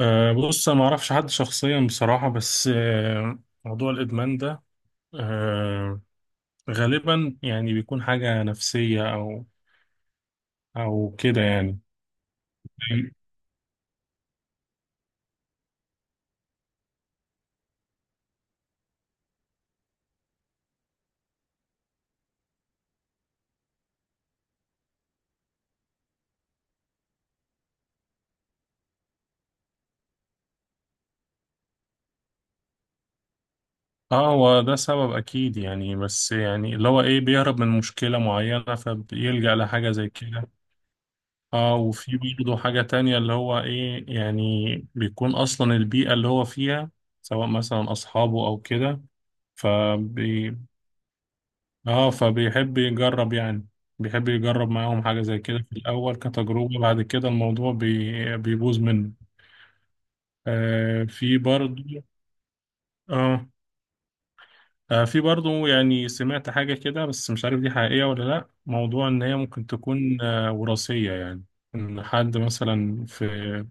بص، أنا معرفش حد شخصيا بصراحة. بس موضوع الإدمان ده، أه غالبا يعني بيكون حاجة نفسية، أو كده يعني. اه، هو ده سبب أكيد يعني، بس يعني اللي هو إيه، بيهرب من مشكلة معينة فبيلجأ لحاجة زي كده. اه، وفي برضه حاجة تانية اللي هو إيه يعني، بيكون أصلا البيئة اللي هو فيها، سواء مثلا أصحابه أو كده. فبي اه فبيحب يجرب يعني، بيحب يجرب معاهم حاجة زي كده في الأول كتجربة، بعد كده الموضوع بيبوظ منه. آه في برضو اه في برضو يعني سمعت حاجة كده، بس مش عارف دي حقيقية ولا لأ، موضوع إن هي ممكن تكون وراثية يعني. إن حد مثلا في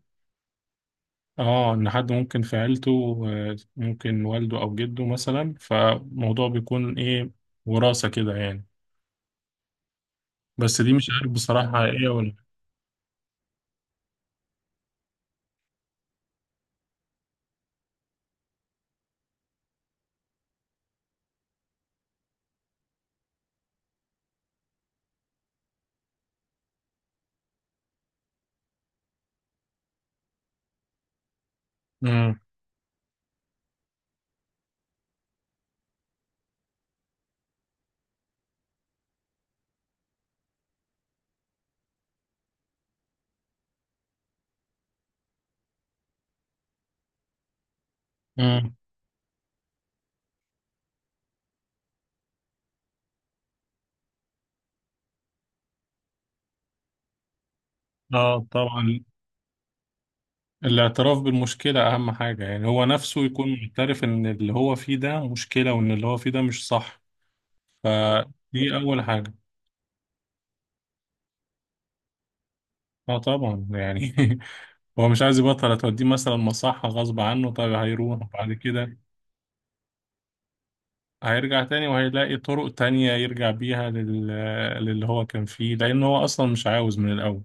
اه إن حد ممكن في عيلته، ممكن والده أو جده مثلا، فموضوع بيكون إيه، وراثة كده يعني. بس دي مش عارف بصراحة حقيقية ولا لأ. مم. اه طبعا، الاعتراف بالمشكلة أهم حاجة، يعني هو نفسه يكون معترف إن اللي هو فيه ده مشكلة، وإن اللي هو فيه ده مش صح. فدي أول حاجة. اه طبعا يعني هو مش عايز يبطل، هتوديه مثلا مصحة غصب عنه، طب هيروح بعد كده، هيرجع تاني وهيلاقي طرق تانية يرجع بيها للي هو كان فيه، لأن هو أصلا مش عاوز من الأول.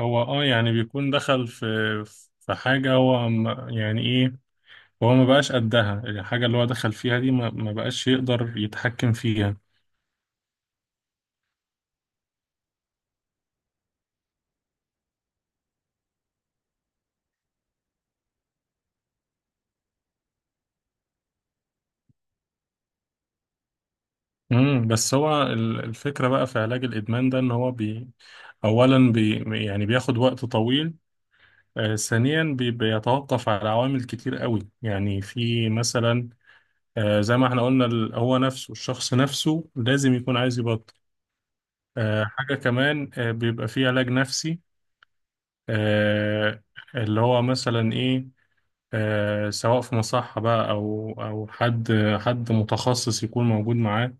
هو يعني بيكون دخل في حاجة، هو يعني ايه، وهو ما بقاش قدها، الحاجة اللي هو دخل فيها دي ما بقاش يقدر يتحكم فيها. بس هو الفكرة بقى في علاج الإدمان ده، إن هو أولا يعني بياخد وقت طويل. ثانيا، بيتوقف على عوامل كتير قوي، يعني في مثلا، زي ما احنا قلنا، هو نفسه، الشخص نفسه لازم يكون عايز يبطل. حاجة كمان، بيبقى فيه علاج نفسي، آه اللي هو مثلا إيه، سواء في مصحة بقى، أو حد متخصص يكون موجود معاه.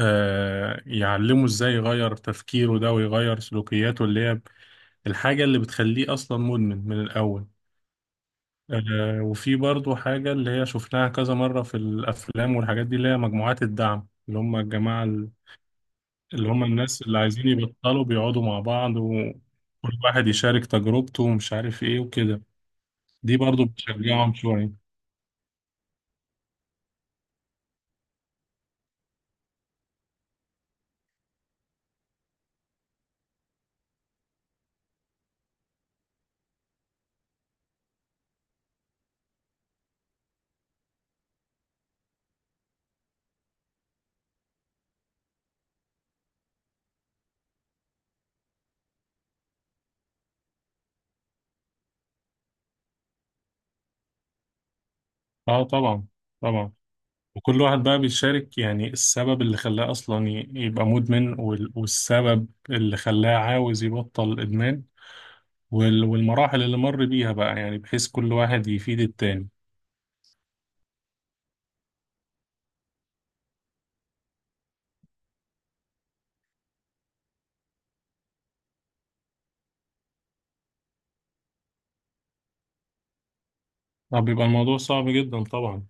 يعلمه إزاي يغير تفكيره ده، ويغير سلوكياته اللي هي الحاجة اللي بتخليه أصلا مدمن من الأول. وفي برضو حاجة اللي هي شفناها كذا مرة في الأفلام والحاجات دي، اللي هي مجموعات الدعم، اللي هم الجماعة اللي هم الناس اللي عايزين يبطلوا، بيقعدوا مع بعض وكل واحد يشارك تجربته ومش عارف إيه وكده. دي برضو بتشجعهم شوية. اه طبعا، طبعا. وكل واحد بقى بيشارك يعني السبب اللي خلاه أصلا يبقى مدمن، والسبب اللي خلاه عاوز يبطل الإدمان، والمراحل اللي مر بيها بقى، يعني بحيث كل واحد يفيد التاني. طب بيبقى الموضوع صعب جدا طبعا.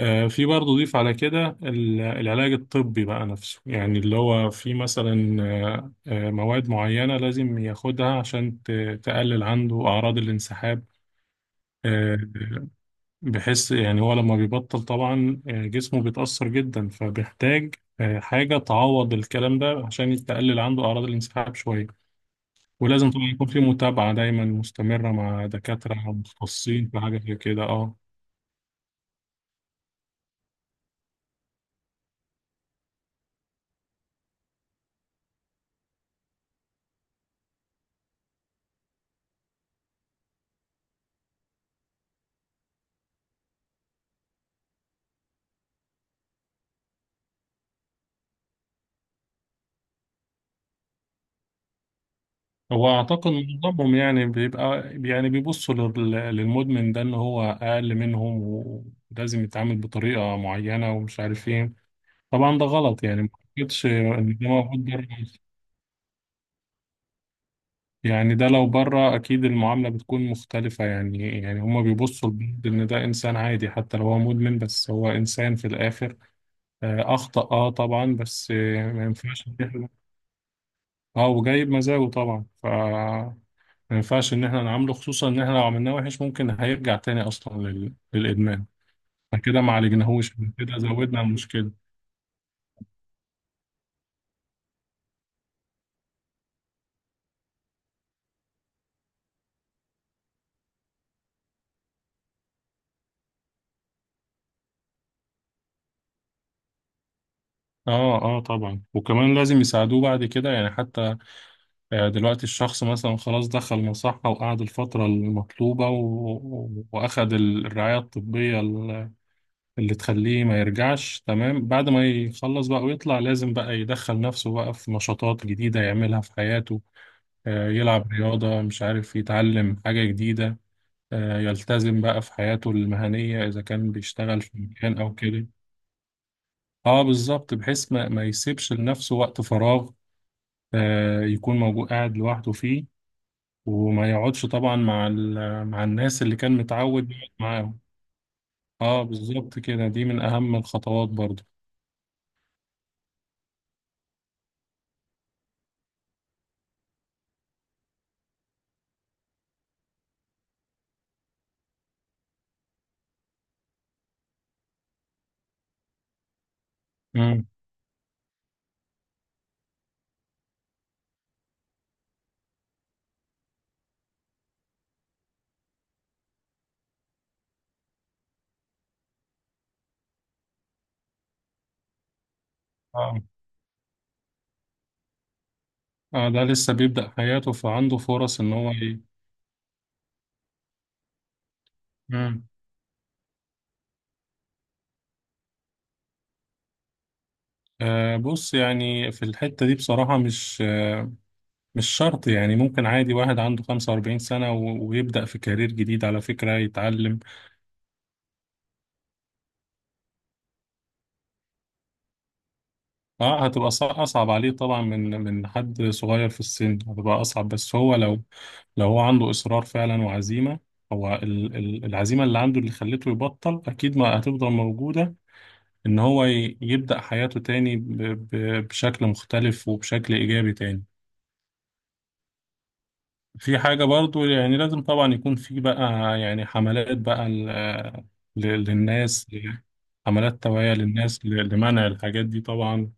في برضه ضيف على كده العلاج الطبي بقى نفسه، يعني اللي هو في مثلا مواد معينة لازم ياخدها عشان تقلل عنده أعراض الانسحاب. آه، بحيث يعني هو لما بيبطل طبعا، جسمه بيتأثر جدا، فبيحتاج حاجة تعوض الكلام ده عشان تقلل عنده أعراض الانسحاب شوية. ولازم طبعا يكون في متابعة دايما مستمرة مع دكاترة متخصصين في حاجة زي كده. اه، هو أعتقد معظمهم يعني بيبقى، يعني بيبصوا للمدمن ده إن هو أقل منهم، ولازم يتعامل بطريقة معينة ومش عارف إيه. طبعا ده غلط يعني، ما أعتقدش إن ده موجود بره، يعني ده لو بره أكيد المعاملة بتكون مختلفة، يعني هما بيبصوا لبعض إن ده إنسان عادي، حتى لو هو مدمن، بس هو إنسان في الآخر. أخطأ طبعا، بس ما ينفعش إن إحنا، وجايب مزاجه طبعا، ما ينفعش إن إحنا نعامله، خصوصا إن إحنا لو عملناه وحش ممكن هيرجع تاني أصلا للإدمان، فكده ما عالجناهوش، كده زودنا المشكلة. اه، اه طبعا، وكمان لازم يساعدوه بعد كده يعني، حتى دلوقتي الشخص مثلا خلاص دخل مصحة وقعد الفترة المطلوبة وأخد الرعاية الطبية اللي تخليه ما يرجعش. تمام، بعد ما يخلص بقى ويطلع، لازم بقى يدخل نفسه بقى في نشاطات جديدة يعملها في حياته. يلعب رياضة، مش عارف، يتعلم حاجة جديدة، يلتزم بقى في حياته المهنية إذا كان بيشتغل في مكان أو كده. اه بالظبط، بحيث ما يسيبش لنفسه وقت فراغ، يكون موجود قاعد لوحده فيه، وما يقعدش طبعا مع مع الناس اللي كان متعود يقعد معاهم. اه بالظبط كده، دي من اهم الخطوات برضو. امم. اه، اه، ده لسه بيبدأ حياته، فعنده فرص ان هو ايه. امم. بص يعني في الحتة دي بصراحة، مش شرط، يعني ممكن عادي واحد عنده 45 سنة ويبدأ في كارير جديد على فكرة، يتعلم. اه، هتبقى اصعب عليه طبعا من حد صغير في السن، هتبقى اصعب، بس هو لو، لو هو عنده اصرار فعلا وعزيمه، هو العزيمه اللي عنده اللي خلته يبطل اكيد ما هتفضل موجوده، ان هو يبدا حياته تاني بشكل مختلف وبشكل ايجابي تاني. في حاجه برضو، يعني لازم طبعا يكون في بقى يعني حملات بقى للناس، حملات توعيه للناس لمنع الحاجات دي طبعا.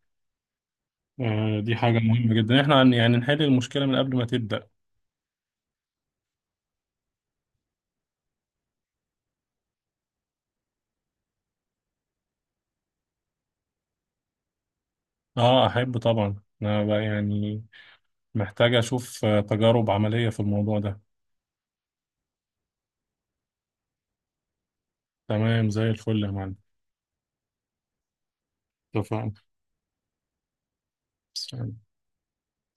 دي حاجة مهمة جدا، احنا يعني نحل المشكلة من قبل ما تبدأ. اه، احب طبعا. انا بقى يعني محتاج اشوف تجارب عملية في الموضوع ده. تمام زي الفل يا معلم. اتفقنا.